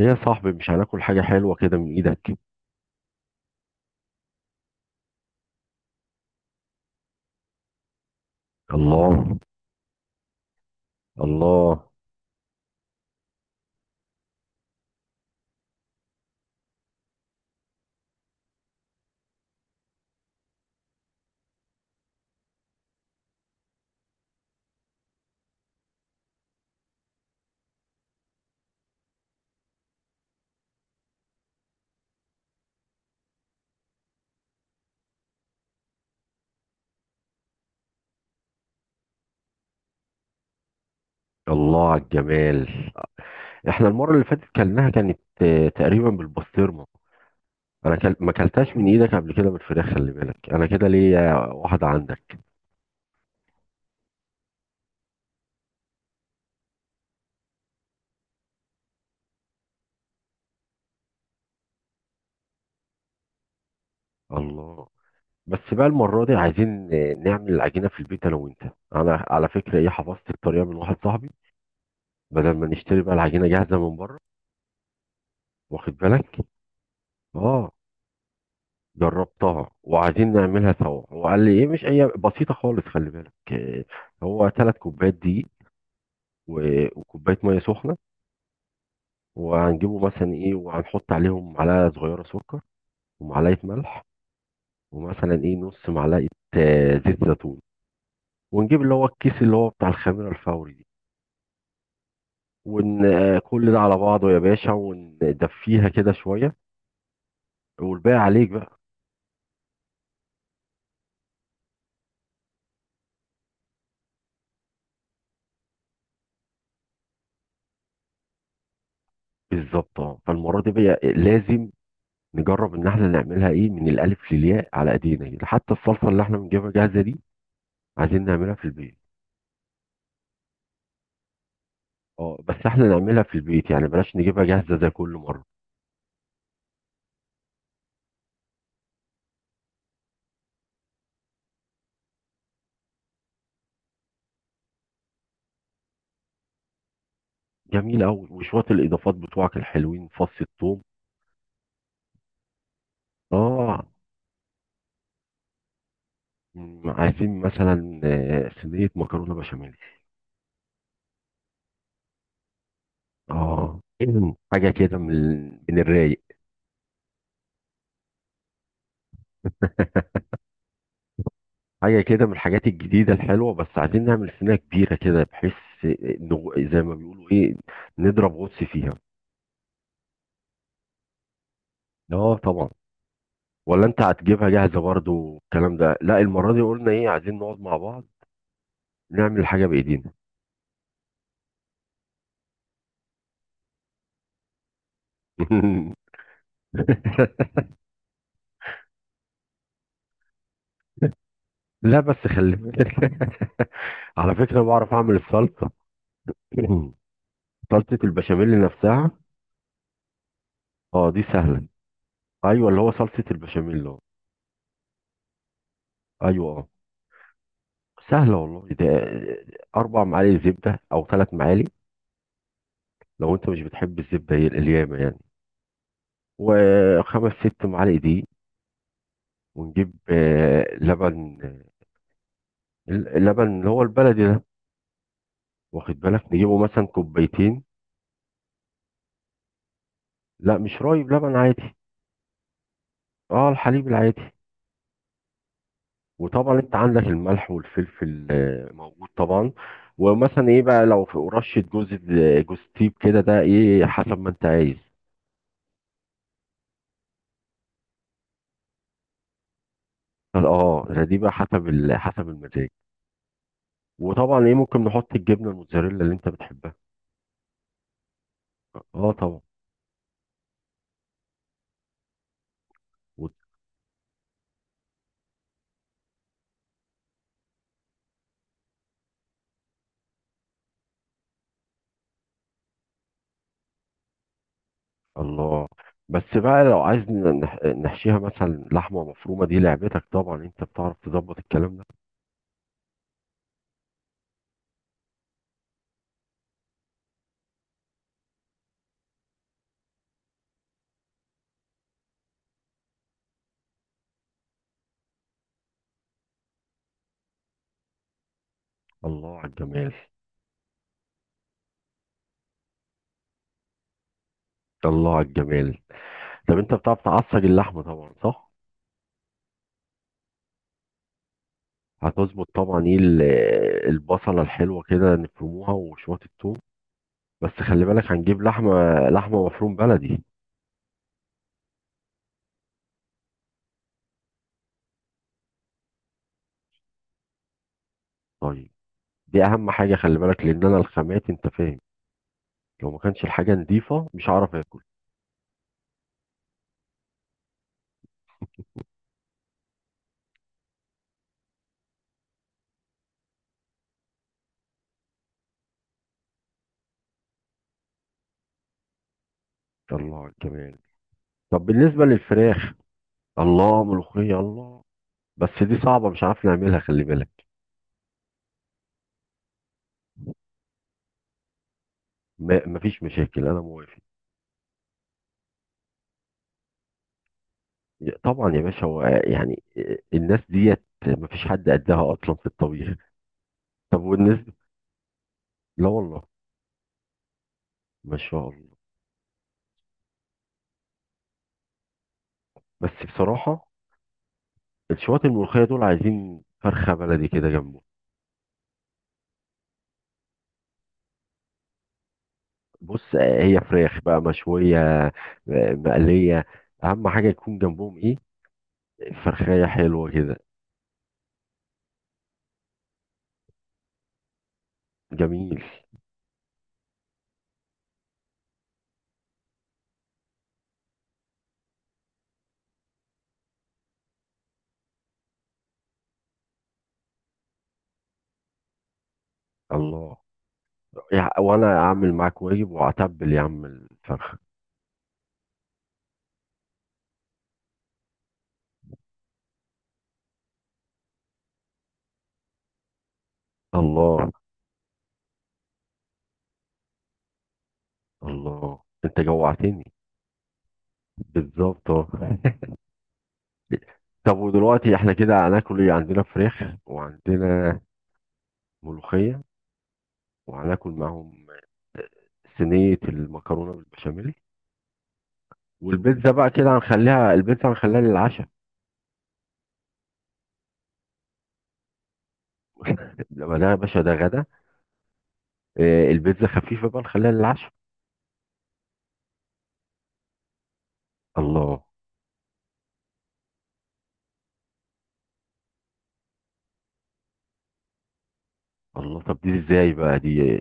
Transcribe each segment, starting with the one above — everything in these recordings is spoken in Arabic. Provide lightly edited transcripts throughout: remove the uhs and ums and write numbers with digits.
ايه يا صاحبي، مش هناكل حاجة حلوة كده من ايدك؟ الله. الله. الله على الجمال. احنا المرة اللي فاتت كلناها كانت تقريبا بالبسطرمة. انا ما كلتهاش من ايدك قبل كده بالفراخ، خلي بالك انا كده ليا واحدة عندك. الله. بس بقى المرة دي عايزين نعمل العجينة في البيت انا وانت. انا على فكرة ايه، حفظت الطريقة من واحد صاحبي، بدل ما نشتري بقى العجينة جاهزة من بره. واخد بالك؟ اه، جربتها وعايزين نعملها سوا. هو قال لي ايه، مش هي بسيطه خالص، خلي بالك. هو 3 كوبايات دقيق، و- وكوبايه ميه سخنه، وهنجيبه مثلا ايه، وهنحط عليهم معلقه صغيره سكر، ومعلقه ملح، ومثلا ايه نص معلقه زيت زيتون، ونجيب اللي هو الكيس اللي هو بتاع الخميره الفوري دي، ون آه، كل ده على بعضه يا باشا، وندفيها كده شويه. والباقي عليك بقى. بالظبط، اه، فالمره دي بقى لازم نجرب ان احنا نعملها ايه من الالف للياء على ايدينا كده. حتى الصلصه اللي احنا بنجيبها جاهزه دي عايزين نعملها في البيت. اه، بس احنا نعملها في البيت يعني، بلاش نجيبها جاهزه زي كل مره. جميل قوي، وشويه الاضافات بتوعك الحلوين، فص الثوم. اه، عايزين مثلا صينيه مكرونه بشاميل. اه، إذن حاجه كده من الرايق. حاجه كده من الحاجات الجديده الحلوه، بس عايزين نعمل صينيه كبيره كده بحيث إنه زي ما بيقولوا ايه، نضرب غطس فيها. اه طبعا. ولا انت هتجيبها جاهزه برضو والكلام ده؟ لا، المره دي قلنا ايه، عايزين نقعد مع بعض نعمل حاجه بايدينا. لا بس خلي بالك. على فكره بعرف اعمل الصلصه. صلصه البشاميل نفسها. اه، دي سهله. ايوه، اللي هو صلصه البشاميل. اه. ايوه، اه. سهله والله ده. 4 معالق زبده او 3 معالق، لو انت مش بتحب الزبده، هي اليامه يعني. وخمس ست معالق دي، ونجيب لبن، اللبن اللي هو البلدي ده، واخد بالك، نجيبه مثلا 2 كوبايه. لا، مش رايب، لبن عادي. اه، الحليب العادي. وطبعا انت عندك الملح والفلفل موجود طبعا. ومثلا ايه بقى لو في رشة جوز تيب كده، ده ايه حسب ما انت عايز. اه، دي بقى حسب المزاج. وطبعا ايه ممكن نحط الجبنة الموتزاريلا اللي انت بتحبها. اه طبعا. وت- الله. بس بقى لو عايز نحشيها مثلا لحمة مفرومة، دي لعبتك طبعا، انت بتعرف تظبط الكلام ده. الله على الجمال. الله على الجمال. طب انت بتعرف تعصج اللحمه طبعا، صح؟ هتظبط طبعا ايه البصله الحلوه كده نفرموها، وشويه الثوم. بس خلي بالك هنجيب لحمه، لحمه مفروم بلدي. طيب. دي اهم حاجه خلي بالك، لان انا الخامات انت فاهم، لو ما كانش الحاجه نظيفه مش هعرف اكل. الله على الجمال. طب بالنسبه للفراخ. الله، ملوخيه، الله. بس دي صعبه مش عارف نعملها خلي بالك. مفيش مشاكل، انا موافق. طبعا يا باشا، هو يعني الناس ديت مفيش حد قدها اصلا في الطبيخ. طب والناس. لا والله. ما شاء الله. بس بصراحه الشواطئ الملوخيه دول عايزين فرخه بلدي كده جنبه. بص، هي فراخ بقى مشويه، آه، مقليه. اهم حاجه يكون جنبهم ايه، فرخايه حلوه كده. جميل. الله. وانا اعمل معاك واجب واعتبل يا عم الفرخه. الله. الله انت جوعتني. بالظبط، اه. طب ودلوقتي احنا كده هناكل ايه؟ عندنا فراخ، وعندنا ملوخية، وهناكل معاهم صينية المكرونة بالبشاميل. والبيتزا بقى كده هنخليها، البيتزا هنخليها للعشاء. لما ده يا باشا ده غدا. البيتزا خفيفة بقى نخليها للعشاء. الله. الله، طب دي ازاي بقى دي؟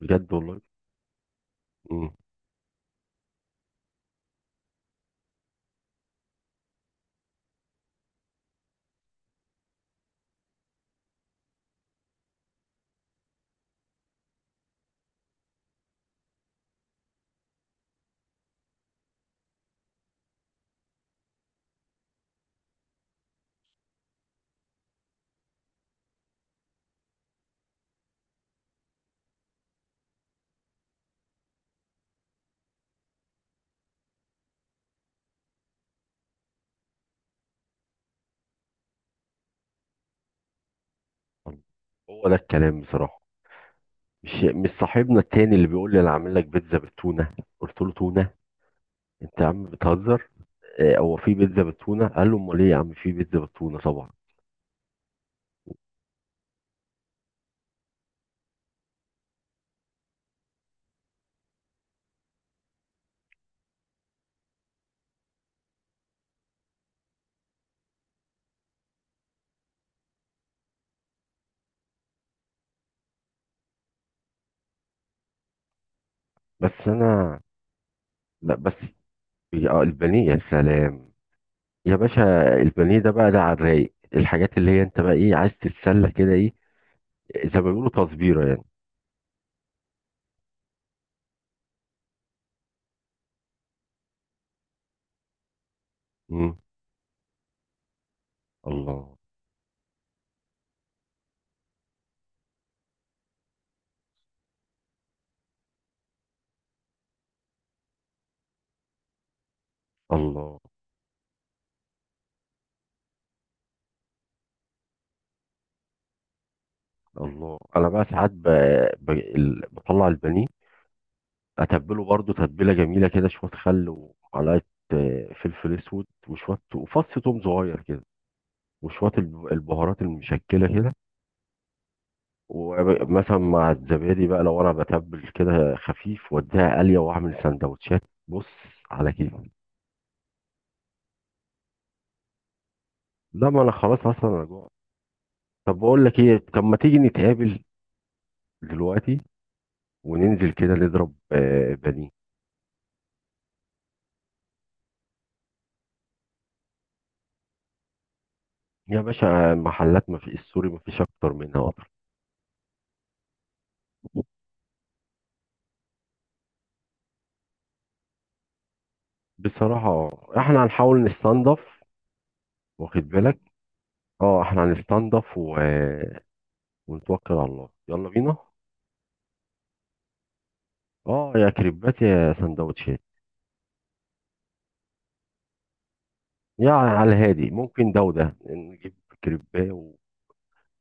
بجد والله؟ مم. هو ده الكلام بصراحة. مش صاحبنا التاني اللي بيقول لي انا عامل لك بيتزا بالتونة؟ قلت له تونة؟ انت يا عم بتهزر. هو في بيتزا بالتونه، قال له امال ايه يا عم، في بيتزا بالتونه طبعا. بس انا. لا بس. البانيه يا سلام. يا باشا، البانيه ده بقى، ده على الرايق، الحاجات اللي هي انت بقى ايه عايز تتسلى كده ايه، زي ما بيقولوا تصبيره يعني. مم. الله. الله. الله انا بقى ساعات بطلع البانيه، اتبله برضو تتبيله جميله كده، شويه خل، ومعلقه فلفل اسود، وشويه وفص توم صغير كده، وشويه البهارات المشكله كده. ومثلا مع الزبادي بقى لو انا بتبل كده خفيف، واديها قليه، واعمل سندوتشات. بص، على كيف. لا، ما انا خلاص اصلا انا جوع. طب بقول لك ايه، طب ما تيجي نتقابل دلوقتي، وننزل كده نضرب بانيه؟ يا باشا، المحلات ما في السوري ما فيش اكتر منها اكتر. بصراحه احنا هنحاول نستنضف. واخد بالك؟ اه، احنا هنستنضف ونتوكل على الله، يلا بينا. اه، يا كريبات يا سندوتشات. يعني على الهادي ممكن، ده وده نجيب كريباه،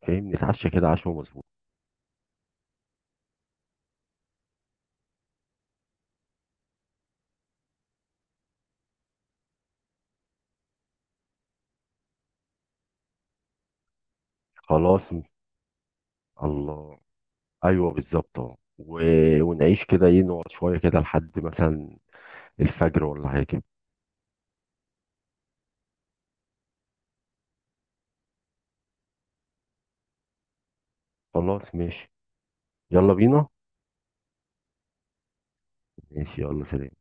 وفاهم نتعشى كده عشوة مظبوط. خلاص. الله. ايوه، بالظبط، اه، و- ونعيش كده ايه، نقعد شوية كده لحد مثلا الفجر ولا حاجة كده. خلاص، ماشي. يلا بينا. ماشي، يلا سلام.